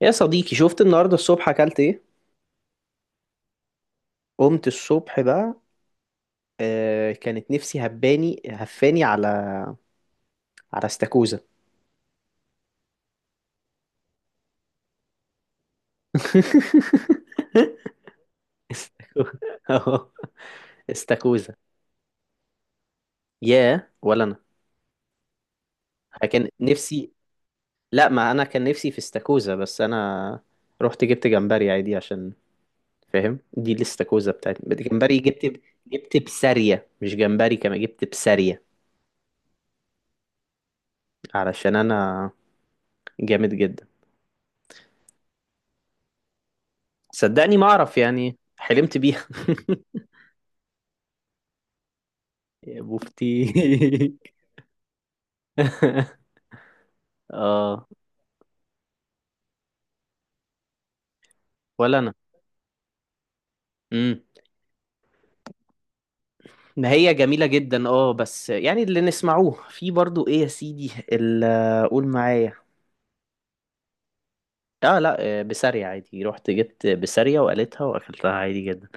يا صديقي، شفت النهارده الصبح اكلت ايه؟ قمت الصبح بقى. كانت نفسي هباني هفاني على استاكوزا. استاكوزا أهو، استاكوزا. يا ولا انا. كان نفسي. لا، ما انا كان نفسي في استاكوزا، بس انا رحت جبت جمبري عادي عشان... فاهم، دي الاستاكوزا بتاعتي جمبري. جبت بسارية، مش جمبري، كمان جبت بسارية. علشان انا جامد جدا. صدقني، ما اعرف يعني، حلمت بيها. يا بوفتيك. اه. ولا انا. امم. ما هي جميلة جدا، اه، بس يعني اللي نسمعوه في برضو ايه يا سيدي اللي... قول معايا. اه، لا، بسارية عادي، رحت جبت بسارية وقالتها واكلتها عادي جدا.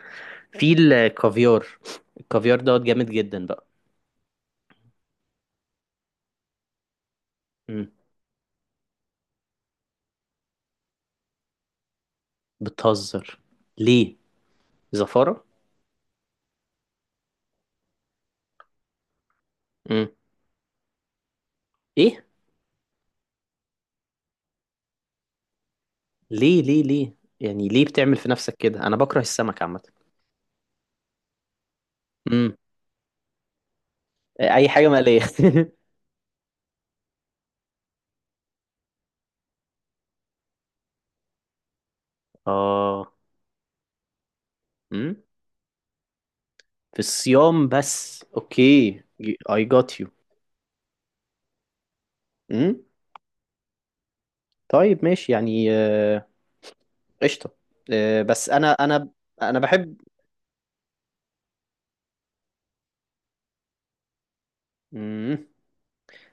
في الكافيار. الكافيار دوت جامد جدا بقى. امم. بتهزر؟ ليه؟ زفارة؟ امم. ايه؟ ليه، ليه، ليه، يعني ليه بتعمل في نفسك كده؟ انا بكره السمك عامة. امم. اي حاجة مقلية. اه. امم. في الصيام بس. اوكي. I got you. امم. طيب، ماشي يعني، قشطة. بس انا انا بحب... مم.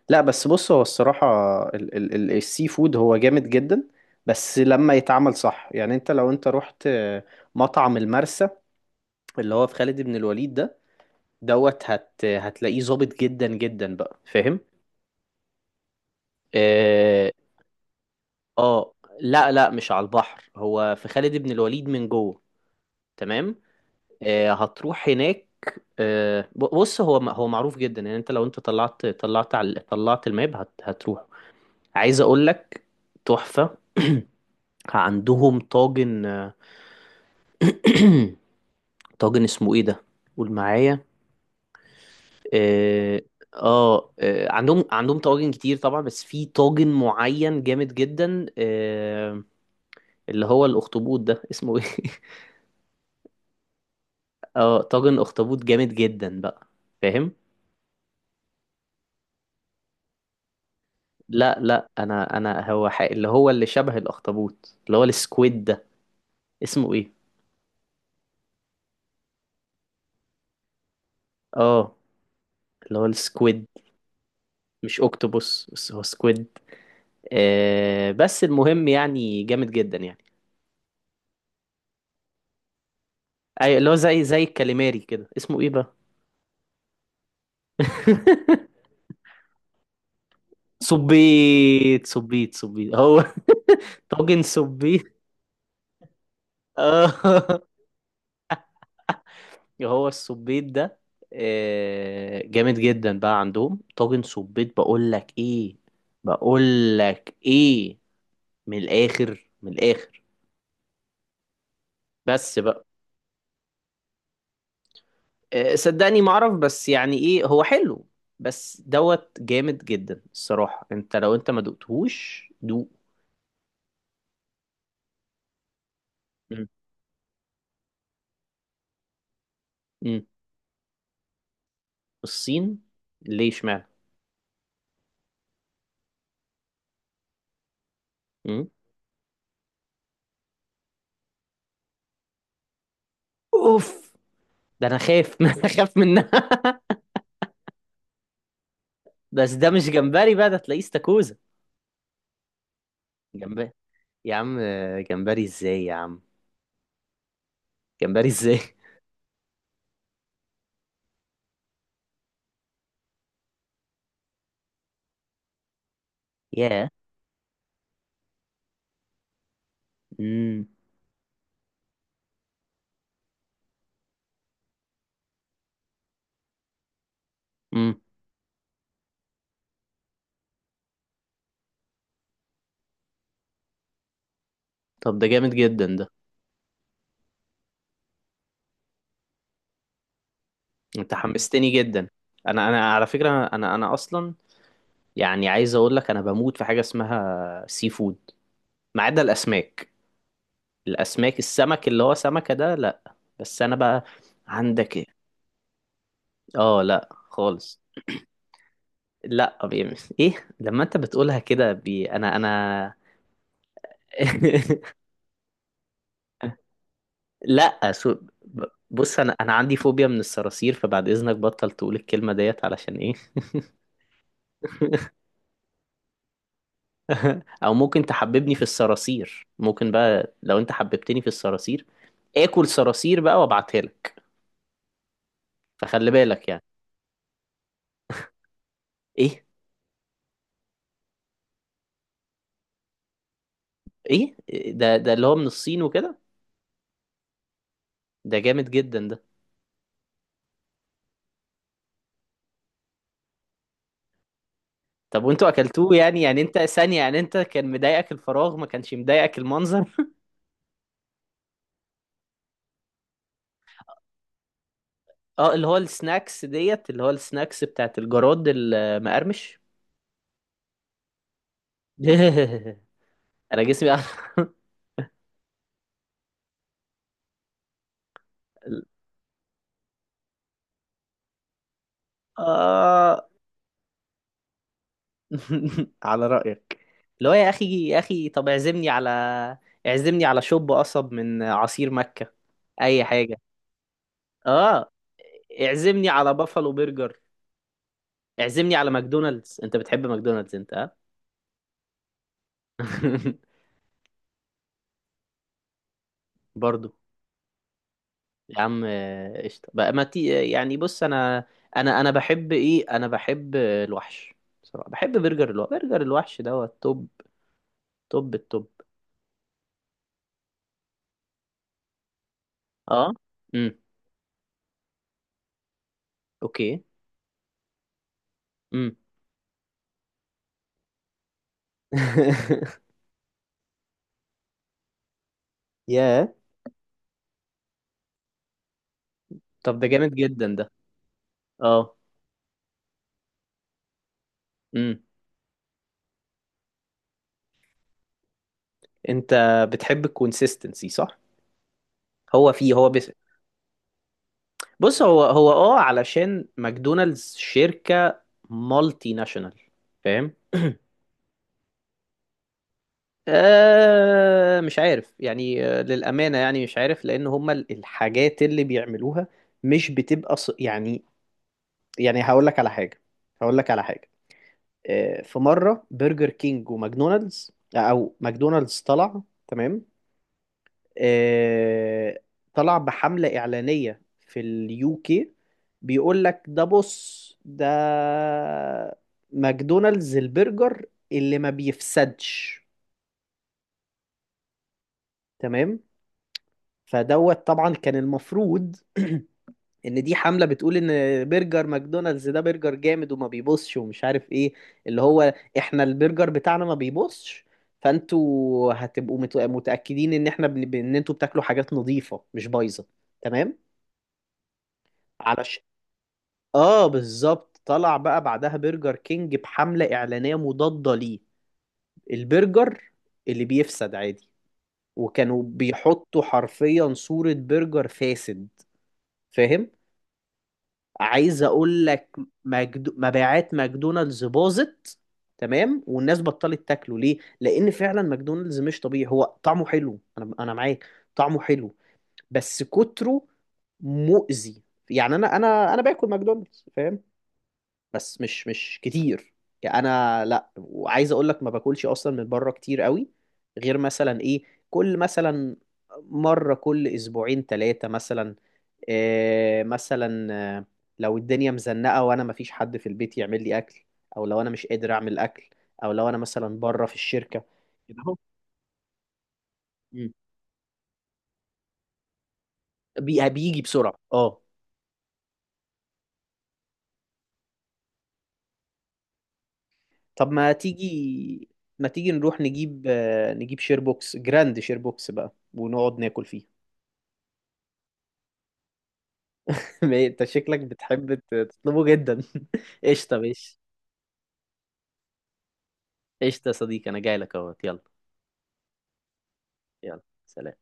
لا بس بص، هو الصراحة السي فود هو جامد جدا. بس لما يتعمل صح، يعني انت لو انت رحت مطعم المرسى اللي هو في خالد بن الوليد ده. دوت، هتلاقيه ظابط جدا جدا بقى، فاهم؟ اه. لا، لا، مش على البحر، هو في خالد بن الوليد من جوه. تمام. هتروح هناك. بص هو معروف جدا، يعني انت لو انت طلعت على طلعت الماب هتروح. عايز اقول لك، تحفة. عندهم طاجن طاجن اسمه ايه ده؟ قول معايا. اه. عندهم طواجن كتير طبعا، بس في طاجن معين جامد جدا اللي هو الاخطبوط ده، اسمه ايه؟ اه، طاجن اخطبوط جامد جدا بقى. فاهم؟ لا، لا، انا هو حق اللي هو اللي شبه الاخطبوط اللي هو السكويد ده، اسمه ايه؟ اه، اللي هو السكويد. مش اوكتوبوس، بس هو سكويد. آه، بس المهم يعني جامد جدا يعني. اي اللي هو زي الكاليماري كده، اسمه ايه بقى؟ صبيت، صبيت، صبيت هو... طاجن صبيت. اه. هو الصبيت ده جامد جدا بقى. عندهم طاجن صبيت، بقول لك ايه، بقول لك ايه، من الاخر، من الاخر. بس بقى. صدقني ما اعرف، بس يعني ايه، هو حلو. بس دوت جامد جدا الصراحة، انت لو انت ما دقتهوش دوق. مم. مم. الصين؟ ليه؟ اشمعنى؟ مم. اوف. ده انا خايف ما انا خايف منها. بس ده مش جمبري بقى، ده تلاقيه استاكوزا. جمبري. يا عم جمبري ازاي يا عم؟ جمبري ازاي؟ ياه. امم. امم. طب ده جامد جدا ده. انت حمستني جدا. انا على فكرة، انا اصلا... يعني عايز اقول لك، انا بموت في حاجه اسمها سي فود، ما عدا الاسماك. السمك اللي هو سمكه ده، لا. بس انا بقى. عندك ايه؟ اه، لا خالص. لا، ايه؟ لما انت بتقولها كده بي... انا لا، ب- بص، انا عندي فوبيا من الصراصير، فبعد اذنك بطل تقول الكلمه ديت، علشان ايه؟ او ممكن تحببني في الصراصير، ممكن، بقى لو انت حببتني في الصراصير اكل صراصير بقى وابعتها لك، فخلي بالك يعني. ايه؟ ايه ده اللي هو من الصين وكده. ده جامد جدا ده. طب وانتوا اكلتوه يعني انت ثانية يعني انت، كان مضايقك الفراغ، ما كانش مضايقك المنظر؟ اه، اللي هو السناكس ديت، اللي هو السناكس بتاعت الجراد المقرمش. انا جسمي... آه. على رأيك. اللي هو يا أخي، يا أخي، طب اعزمني على... اعزمني على شوب قصب من عصير مكة، أي حاجة. آه. اعزمني على بافالو برجر. اعزمني على ماكدونالدز، انت بتحب ماكدونالدز انت، ها؟ برضو. يا عم، قشطة بقى، ما تي يعني بص، انا... انا بحب ايه، انا بحب الوحش. بصراحة بحب برجر الوحش، برجر الوحش دوت توب، توب التوب. اه. امم. اوكي. امم. ياه. طب ده جامد جدا ده. اه. امم. انت بتحب الكونسيستنسي، صح؟ هو فيه، هو بس... بص هو علشان ماكدونالدز شركة مالتي ناشونال، فاهم؟ مش عارف يعني، للأمانة يعني مش عارف، لأن هما الحاجات اللي بيعملوها مش بتبقى يعني... يعني هقول لك على حاجة، هقول لك على حاجة. آه، في مرة برجر كينج وماكدونالدز، أو ماكدونالدز، طلع. تمام. آه، طلع بحملة إعلانية في اليو كي. بيقول لك ده، بص، ده ماكدونالدز البرجر اللي ما بيفسدش. تمام. فدوت طبعا كان المفروض ان دي حمله بتقول ان برجر ماكدونالدز ده برجر جامد وما بيبصش، ومش عارف ايه، اللي هو احنا البرجر بتاعنا ما بيبصش، فانتوا هتبقوا متاكدين ان احنا ان انتوا بتاكلوا حاجات نظيفه، مش بايظه. تمام. علش اه، بالظبط. طلع بقى بعدها برجر كينج بحمله اعلانيه مضاده ليه، البرجر اللي بيفسد عادي، وكانوا بيحطوا حرفيا صوره برجر فاسد. فاهم؟ عايز اقول لك، مبيعات ماكدونالدز باظت. تمام. والناس بطلت تاكله ليه؟ لان فعلا ماكدونالدز مش طبيعي. هو طعمه حلو، انا معاك. طعمه حلو، بس كتره مؤذي. يعني انا باكل ماكدونالدز، فاهم؟ بس مش كتير. يعني انا لا، وعايز اقول لك ما باكلش اصلا من بره كتير قوي. غير مثلا ايه، كل مثلا مرة كل اسبوعين ثلاثة مثلا. إيه مثلا؟ آه، لو الدنيا مزنقة وانا مفيش حد في البيت يعمل لي اكل، او لو انا مش قادر اعمل اكل، او لو انا مثلا بره في الشركة. كده اهو. مم. بيجي بسرعة، اه. طب ما تيجي، ما تيجي نروح نجيب شير بوكس، جراند شير بوكس بقى، ونقعد ناكل فيه. انت شكلك بتحب تطلبه جدا. قشطة، ماشي. قشطة يا صديقي، انا جاي لك اهو، يلا. يلا، سلام.